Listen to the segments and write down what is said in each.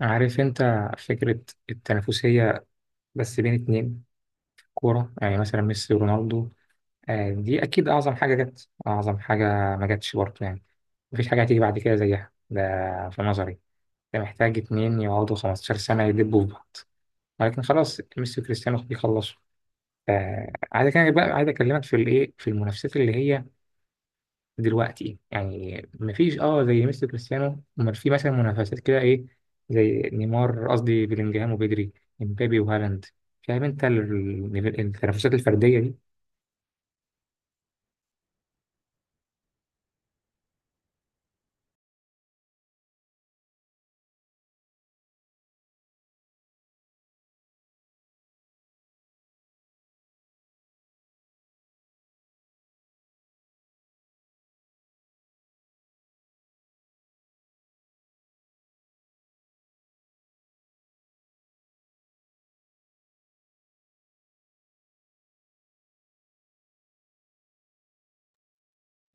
عارف انت فكرة التنافسية، بس بين اتنين كورة، يعني مثلا ميسي ورونالدو. آه، دي أكيد أعظم حاجة جت، أعظم حاجة ما جاتش برضه يعني. مفيش حاجة هتيجي بعد كده زيها ده، في نظري. ده محتاج اتنين يقعدوا 15 سنة يدبوا في بعض، ولكن خلاص ميسي وكريستيانو بيخلصوا. آه، عايز أكلمك بقى، عايز أكلمك في الإيه، في المنافسات اللي هي دلوقتي، يعني مفيش زي ميسي كريستيانو، امال في مثلا منافسات كده ايه، زي نيمار، قصدي بلينجهام وبيدري، امبابي وهالاند. فاهم انت التنافسات الفرديه دي؟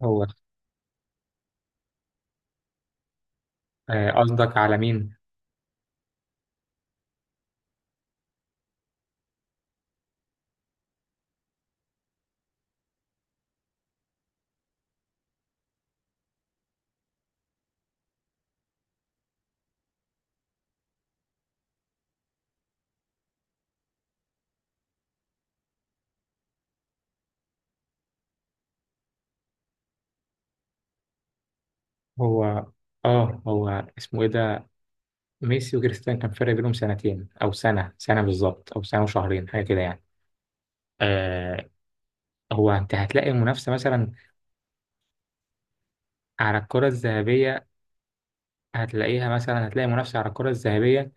هو، آه، قصدك على مين؟ هو اه هو اسمه ايه ده؟ ميسي وكريستيانو كان فرق بينهم سنتين، او سنه بالظبط، او سنه وشهرين، حاجه كده يعني. آه، هو انت هتلاقي منافسه مثلا على الكره الذهبيه، هتلاقي منافسه على الكره الذهبيه،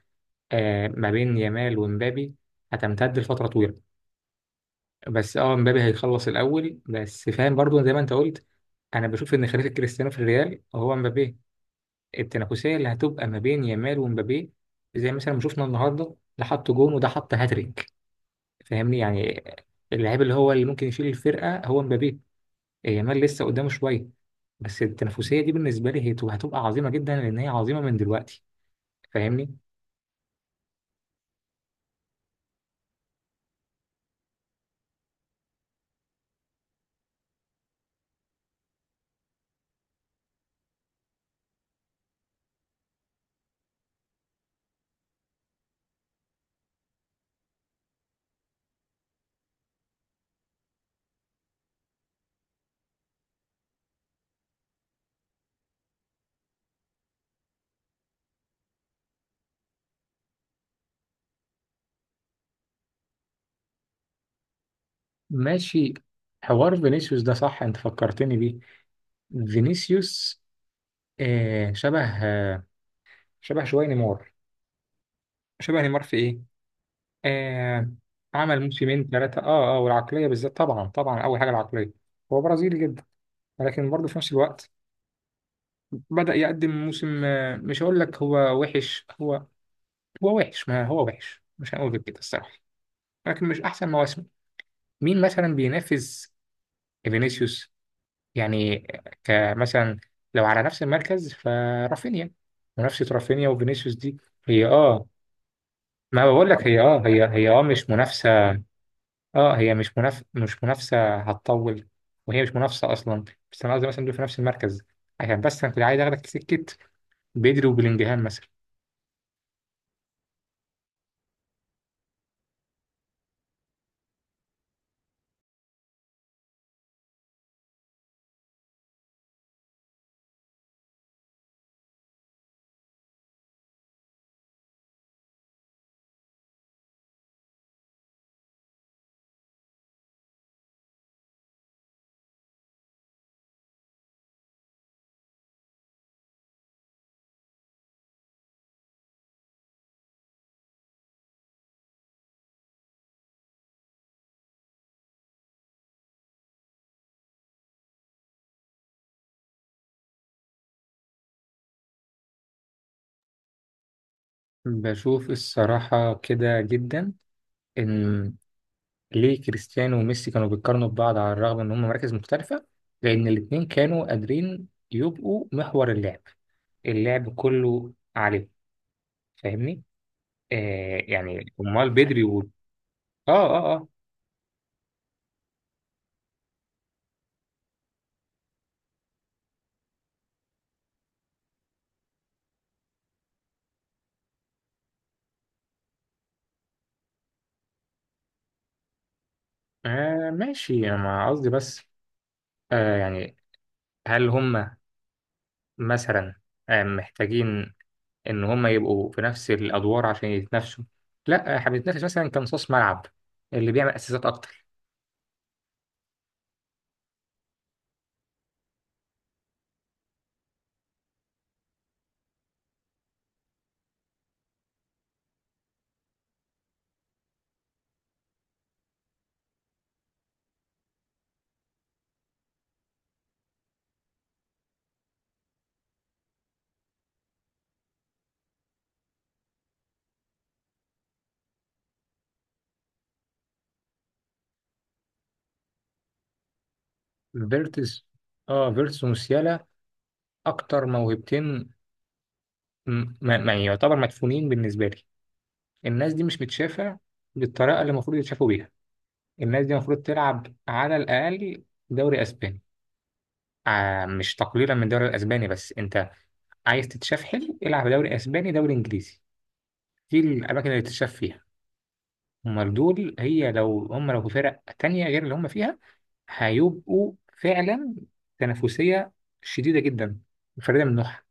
آه، ما بين يامال ومبابي، هتمتد لفترة طويلة. بس مبابي هيخلص الأول، بس فاهم برضو زي ما أنت قلت. أنا بشوف إن خليفة كريستيانو في الريال هو مبابي. التنافسية اللي هتبقى ما بين يامال ومبابي، زي مثلا ما شفنا النهاردة، ده حط جون وده حط هاتريك، فاهمني يعني. اللاعب اللي ممكن يشيل الفرقة هو مبابي. يامال لسه قدامه شوية. بس التنافسية دي بالنسبة لي هي هتبقى عظيمة جدا، لأن هي عظيمة من دلوقتي، فاهمني؟ ماشي، حوار فينيسيوس ده صح، انت فكرتني بيه. فينيسيوس، آه، شبه شويه نيمار. شبه نيمار في ايه؟ آه، عمل موسمين ثلاثه، والعقليه بالذات، طبعا طبعا، اول حاجه العقليه. هو برازيلي جدا، ولكن برضه في نفس الوقت بدأ يقدم موسم، مش هقول لك هو وحش، هو وحش، ما هو وحش، مش هنقول غير كده الصراحه. لكن مش احسن مواسمه. مين مثلا بينافس فينيسيوس يعني؟ كمثلا لو على نفس المركز، فرافينيا. منافسه رافينيا وفينيسيوس دي، هي ما بقول لك، هي هي مش منافسة. اه هي مش منافسة هتطول، وهي مش منافسة أصلا. بس أنا قصدي مثلا دول في نفس المركز، عشان بس أنا كنت عايز آخدك سكة، بدري وبلينجهام مثلا. بشوف الصراحة كده جدا، إن ليه كريستيانو وميسي كانوا بيتقارنوا ببعض على الرغم إن هم مراكز مختلفة، لأن الاتنين كانوا قادرين يبقوا محور اللعب، اللعب كله عليه، فاهمني؟ آه، يعني أمال بدري و... آه آه آه. آه، ماشي، أنا قصدي بس، آه، يعني هل هم مثلا محتاجين إن هم يبقوا في نفس الأدوار عشان يتنافسوا؟ لا، إحنا بنتنافس مثلا كمصاص ملعب، اللي بيعمل أسيستات أكتر. فيرتز فيرتز وموسيالا، أكتر موهبتين، ما يعتبر مدفونين بالنسبة لي. الناس دي مش متشافة بالطريقة اللي المفروض يتشافوا بيها. الناس دي المفروض تلعب على الأقل دوري أسباني، آه، مش تقليلا من الدوري الأسباني، بس أنت عايز تتشاف حلو، العب دوري اسباني، دوري انجليزي، دي الاماكن اللي تتشاف فيها. امال دول، هي لو هم، لو في فرق تانية غير اللي هم فيها، هيبقوا فعلا تنافسية شديدة جدا، فريدة من نوعها.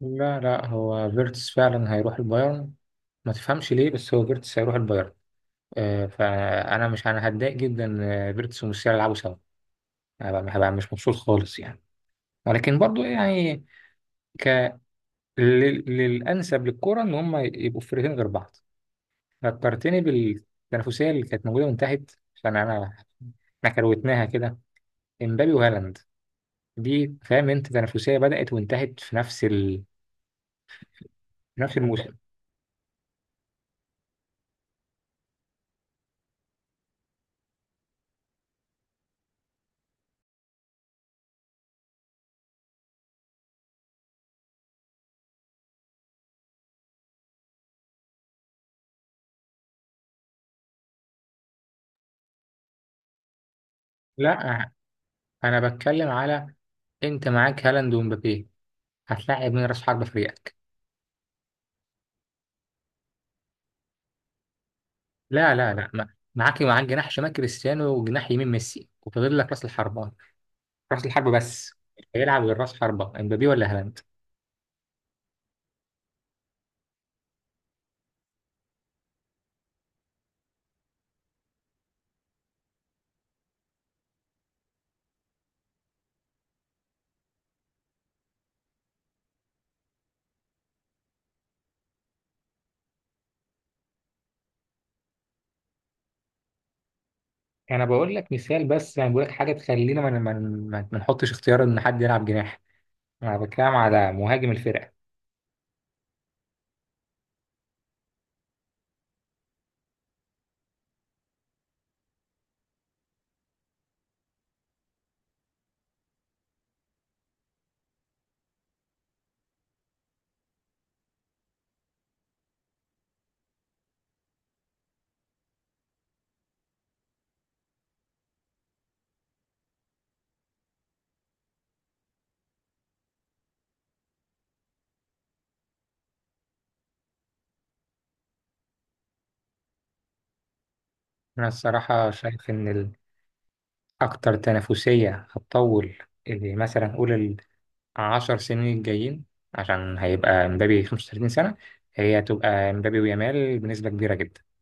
لا، لا، هو فيرتس فعلا هيروح البايرن، ما تفهمش ليه، بس هو فيرتس هيروح البايرن. آه، فانا مش، انا هتضايق جدا، آه، فيرتس وموسيالا يلعبوا سوا، هبقى مش مبسوط خالص يعني. ولكن برضو يعني ك... للانسب للكرة ان هم يبقوا في فرقتين غير بعض. فكرتني بالتنافسية اللي كانت موجودة من تحت، عشان إحنا كروتناها كده. إمبابي وهالاند، دي فاهم أنت تنافسية بدأت وانتهت في نفس في نفس الموسم. لا، أنا بتكلم على، أنت معاك هالاند ومبابي، هتلاعب من رأس حربة فريقك. لا، لا، لا، ما. معاك جناح شمال كريستيانو وجناح يمين ميسي، وفاضل لك رأس الحربة، رأس الحربة بس. هيلعب غير رأس حربة، إمبابي ولا هالاند؟ أنا بقول لك مثال بس، يعني بقول لك حاجة تخلينا ما نحطش اختيار إن حد يلعب جناح. أنا بتكلم على مهاجم الفرقة. أنا الصراحة شايف إن أكتر تنافسية هتطول، اللي مثلا نقول العشر سنين الجايين، عشان هيبقى مبابي 35 سنة، هي هتبقى مبابي ويامال بنسبة كبيرة جدا.